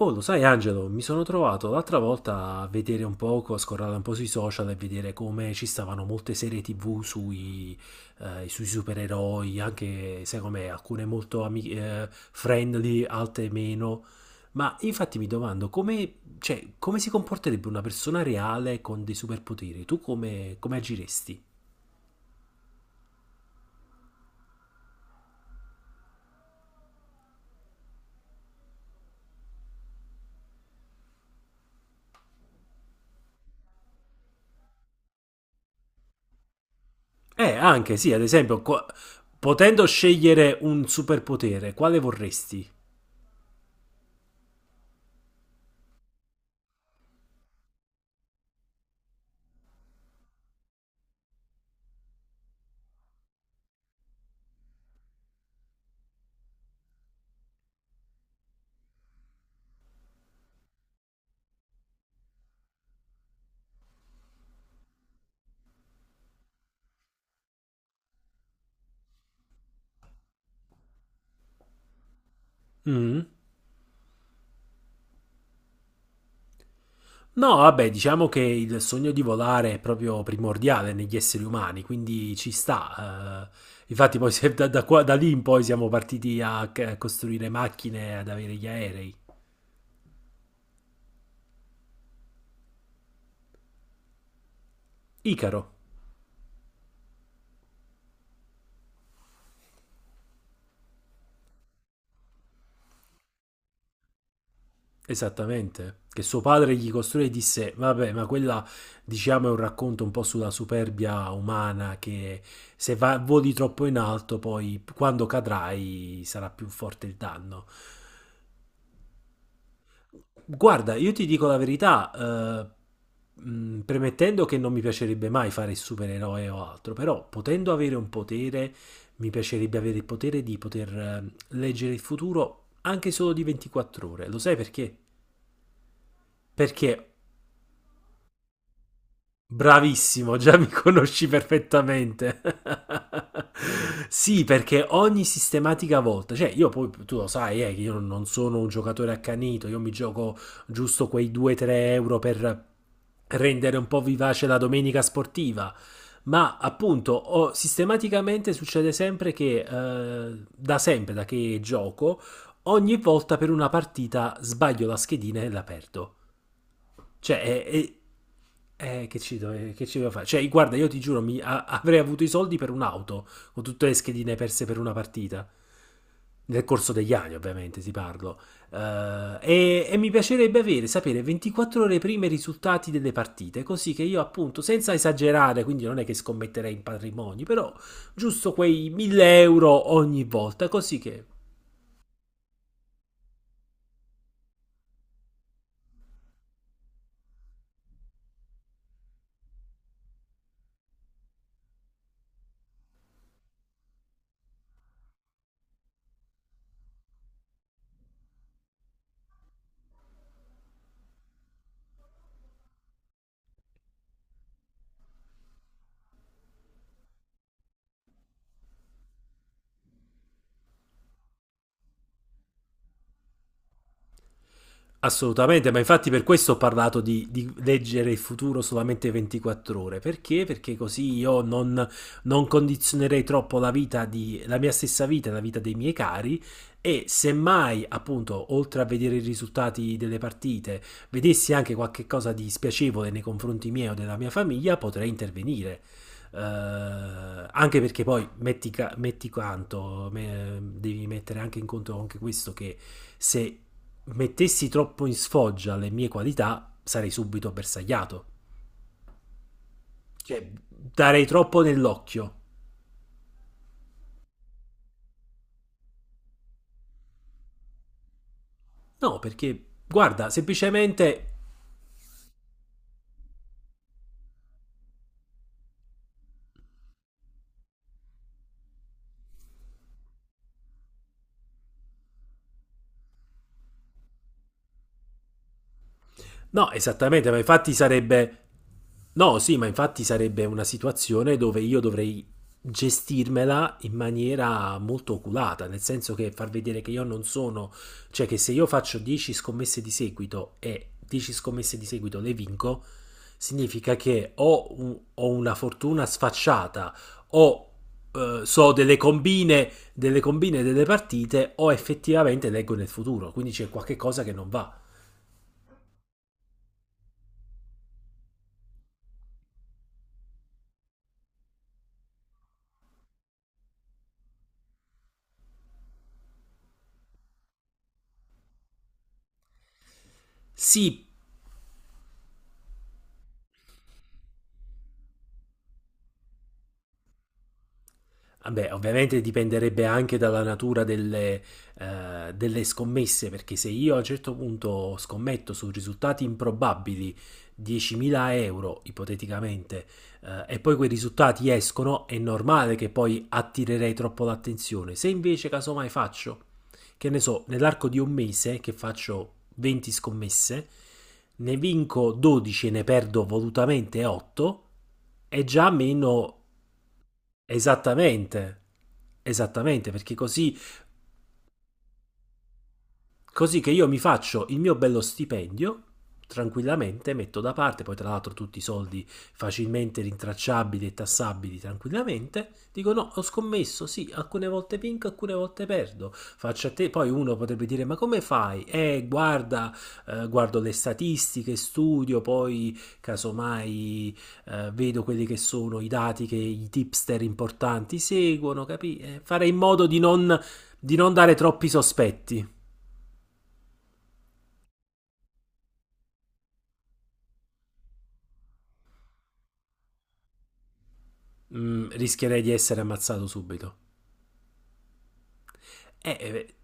Oh, lo sai, Angelo, mi sono trovato l'altra volta a vedere un poco, a scorrare un po' sui social e vedere come ci stavano molte serie TV sui supereroi, anche sai com'è, alcune molto friendly, altre meno. Ma infatti mi domando cioè, come si comporterebbe una persona reale con dei superpoteri? Tu come agiresti? Anche sì, ad esempio, potendo scegliere un superpotere, quale vorresti? Mm? No, vabbè, diciamo che il sogno di volare è proprio primordiale negli esseri umani, quindi ci sta, eh. Infatti, poi da lì in poi siamo partiti a costruire macchine, ad avere gli aerei. Icaro, esattamente, che suo padre gli costruì e disse: Vabbè, ma quella diciamo è un racconto un po' sulla superbia umana, che se voli troppo in alto, poi quando cadrai sarà più forte il danno. Guarda, io ti dico la verità, premettendo che non mi piacerebbe mai fare il supereroe o altro, però potendo avere un potere, mi piacerebbe avere il potere di poter leggere il futuro anche solo di 24 ore. Lo sai perché? Perché Bravissimo, già mi conosci perfettamente. Sì, perché ogni sistematica volta, cioè io poi tu lo sai, che io non sono un giocatore accanito, io mi gioco giusto quei 2-3 euro per rendere un po' vivace la domenica sportiva. Ma appunto, sistematicamente succede sempre che, da sempre, da che gioco, ogni volta per una partita sbaglio la schedina e la perdo. Cioè, che ci doveva fare? Cioè, guarda, io ti giuro, avrei avuto i soldi per un'auto, con tutte le schedine perse per una partita. Nel corso degli anni, ovviamente, ti parlo. E mi piacerebbe avere, sapere 24 ore prima i risultati delle partite, così che io, appunto, senza esagerare, quindi non è che scommetterei in patrimoni, però giusto quei 1000 euro ogni volta, così che. Assolutamente, ma infatti per questo ho parlato di leggere il futuro solamente 24 ore. Perché? Perché così io non condizionerei troppo la mia stessa vita e la vita dei miei cari. E semmai, appunto, oltre a vedere i risultati delle partite, vedessi anche qualche cosa di spiacevole nei confronti miei o della mia famiglia, potrei intervenire. Anche perché poi metti, metti quanto, devi mettere anche in conto anche questo, che se mettessi troppo in sfoggia le mie qualità, sarei subito bersagliato. Cioè, darei troppo nell'occhio. No, perché guarda, semplicemente. No, esattamente, ma infatti sarebbe. No, sì, ma infatti sarebbe una situazione dove io dovrei gestirmela in maniera molto oculata, nel senso che far vedere che io non sono, cioè che se io faccio 10 scommesse di seguito e 10 scommesse di seguito le vinco, significa che ho una fortuna sfacciata, o so delle combine delle partite, o effettivamente leggo nel futuro, quindi c'è qualche cosa che non va. Sì, vabbè, ovviamente dipenderebbe anche dalla natura delle scommesse, perché se io a un certo punto scommetto su risultati improbabili 10.000 euro, ipoteticamente, e poi quei risultati escono, è normale che poi attirerei troppo l'attenzione. Se invece casomai faccio, che ne so, nell'arco di un mese che faccio 20 scommesse, ne vinco 12 e ne perdo volutamente 8, è già meno. Esattamente, esattamente, perché così. Così che io mi faccio il mio bello stipendio, tranquillamente metto da parte, poi tra l'altro tutti i soldi facilmente rintracciabili e tassabili tranquillamente, dico no, ho scommesso, sì, alcune volte vinco, alcune volte perdo, faccio a te, poi uno potrebbe dire: ma come fai? Guarda, guardo le statistiche, studio, poi casomai vedo quelli che sono i dati che i tipster importanti seguono, capi? Fare in modo di non, dare troppi sospetti. Rischierei di essere ammazzato subito. Eh, eh,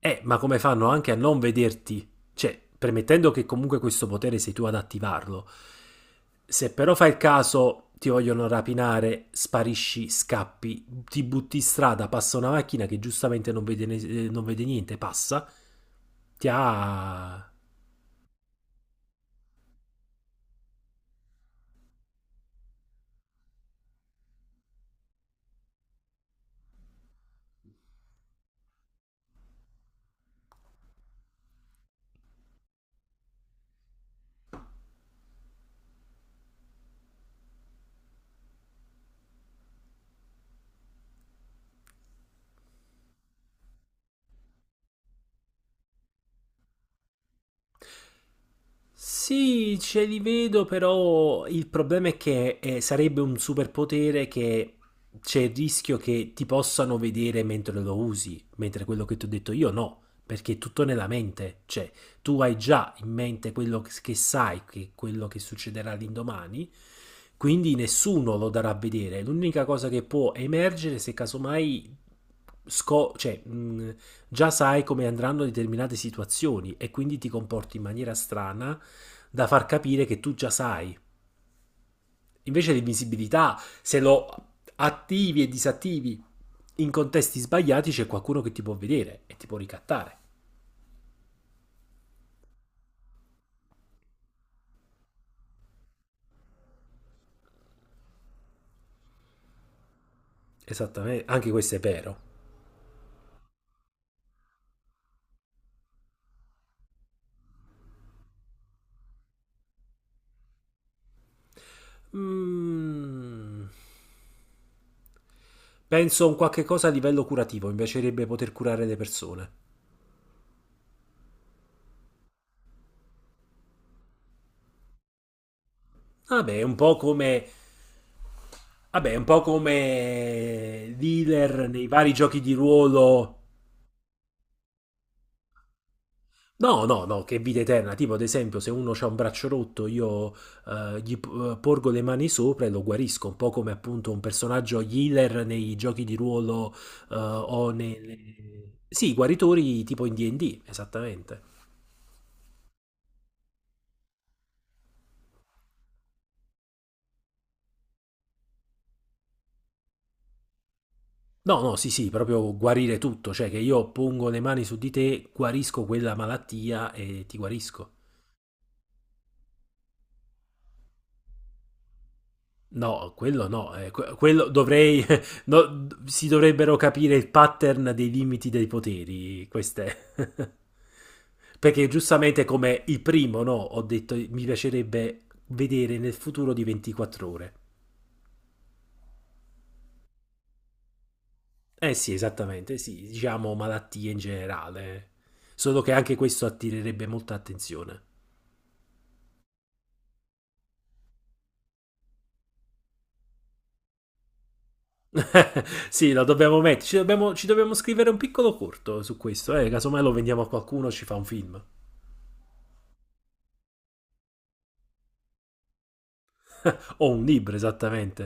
ma come fanno anche a non vederti? Cioè, premettendo che comunque questo potere sei tu ad attivarlo. Se però fai il caso, ti vogliono rapinare, sparisci, scappi, ti butti in strada, passa una macchina che giustamente non vede, non vede niente, passa, ti ha. Sì, ce li vedo, però il problema è che sarebbe un superpotere che c'è il rischio che ti possano vedere mentre lo usi, mentre quello che ti ho detto io no, perché è tutto nella mente. Cioè, tu hai già in mente quello che sai, che quello che succederà l'indomani, quindi nessuno lo darà a vedere. L'unica cosa che può emergere, se casomai cioè, già sai come andranno determinate situazioni e quindi ti comporti in maniera strana da far capire che tu già sai. Invece l'invisibilità, se lo attivi e disattivi in contesti sbagliati, c'è qualcuno che ti può vedere e ti può ricattare. Esattamente, anche questo è vero. Mm, Penso a un qualche cosa a livello curativo, mi piacerebbe poter curare le persone. Vabbè, è un po' come dealer nei vari giochi di ruolo. No, no, no, che vita eterna. Tipo, ad esempio, se uno ha un braccio rotto, io gli porgo le mani sopra e lo guarisco, un po' come appunto un personaggio healer nei giochi di ruolo, o nelle. Sì, guaritori tipo in D&D, esattamente. No, no, sì, sì, proprio guarire tutto, cioè che io pongo le mani su di te, guarisco quella malattia e ti guarisco. No, quello no, quello dovrei, no, si dovrebbero capire il pattern dei limiti dei poteri, queste. Perché giustamente come il primo, no, ho detto mi piacerebbe vedere nel futuro di 24 ore. Eh sì, esattamente, sì, diciamo malattie in generale. Solo che anche questo attirerebbe molta attenzione. Sì, lo dobbiamo mettere. Ci dobbiamo scrivere un piccolo corto su questo. Eh? Casomai lo vendiamo a qualcuno, ci fa un film. O un libro, esattamente.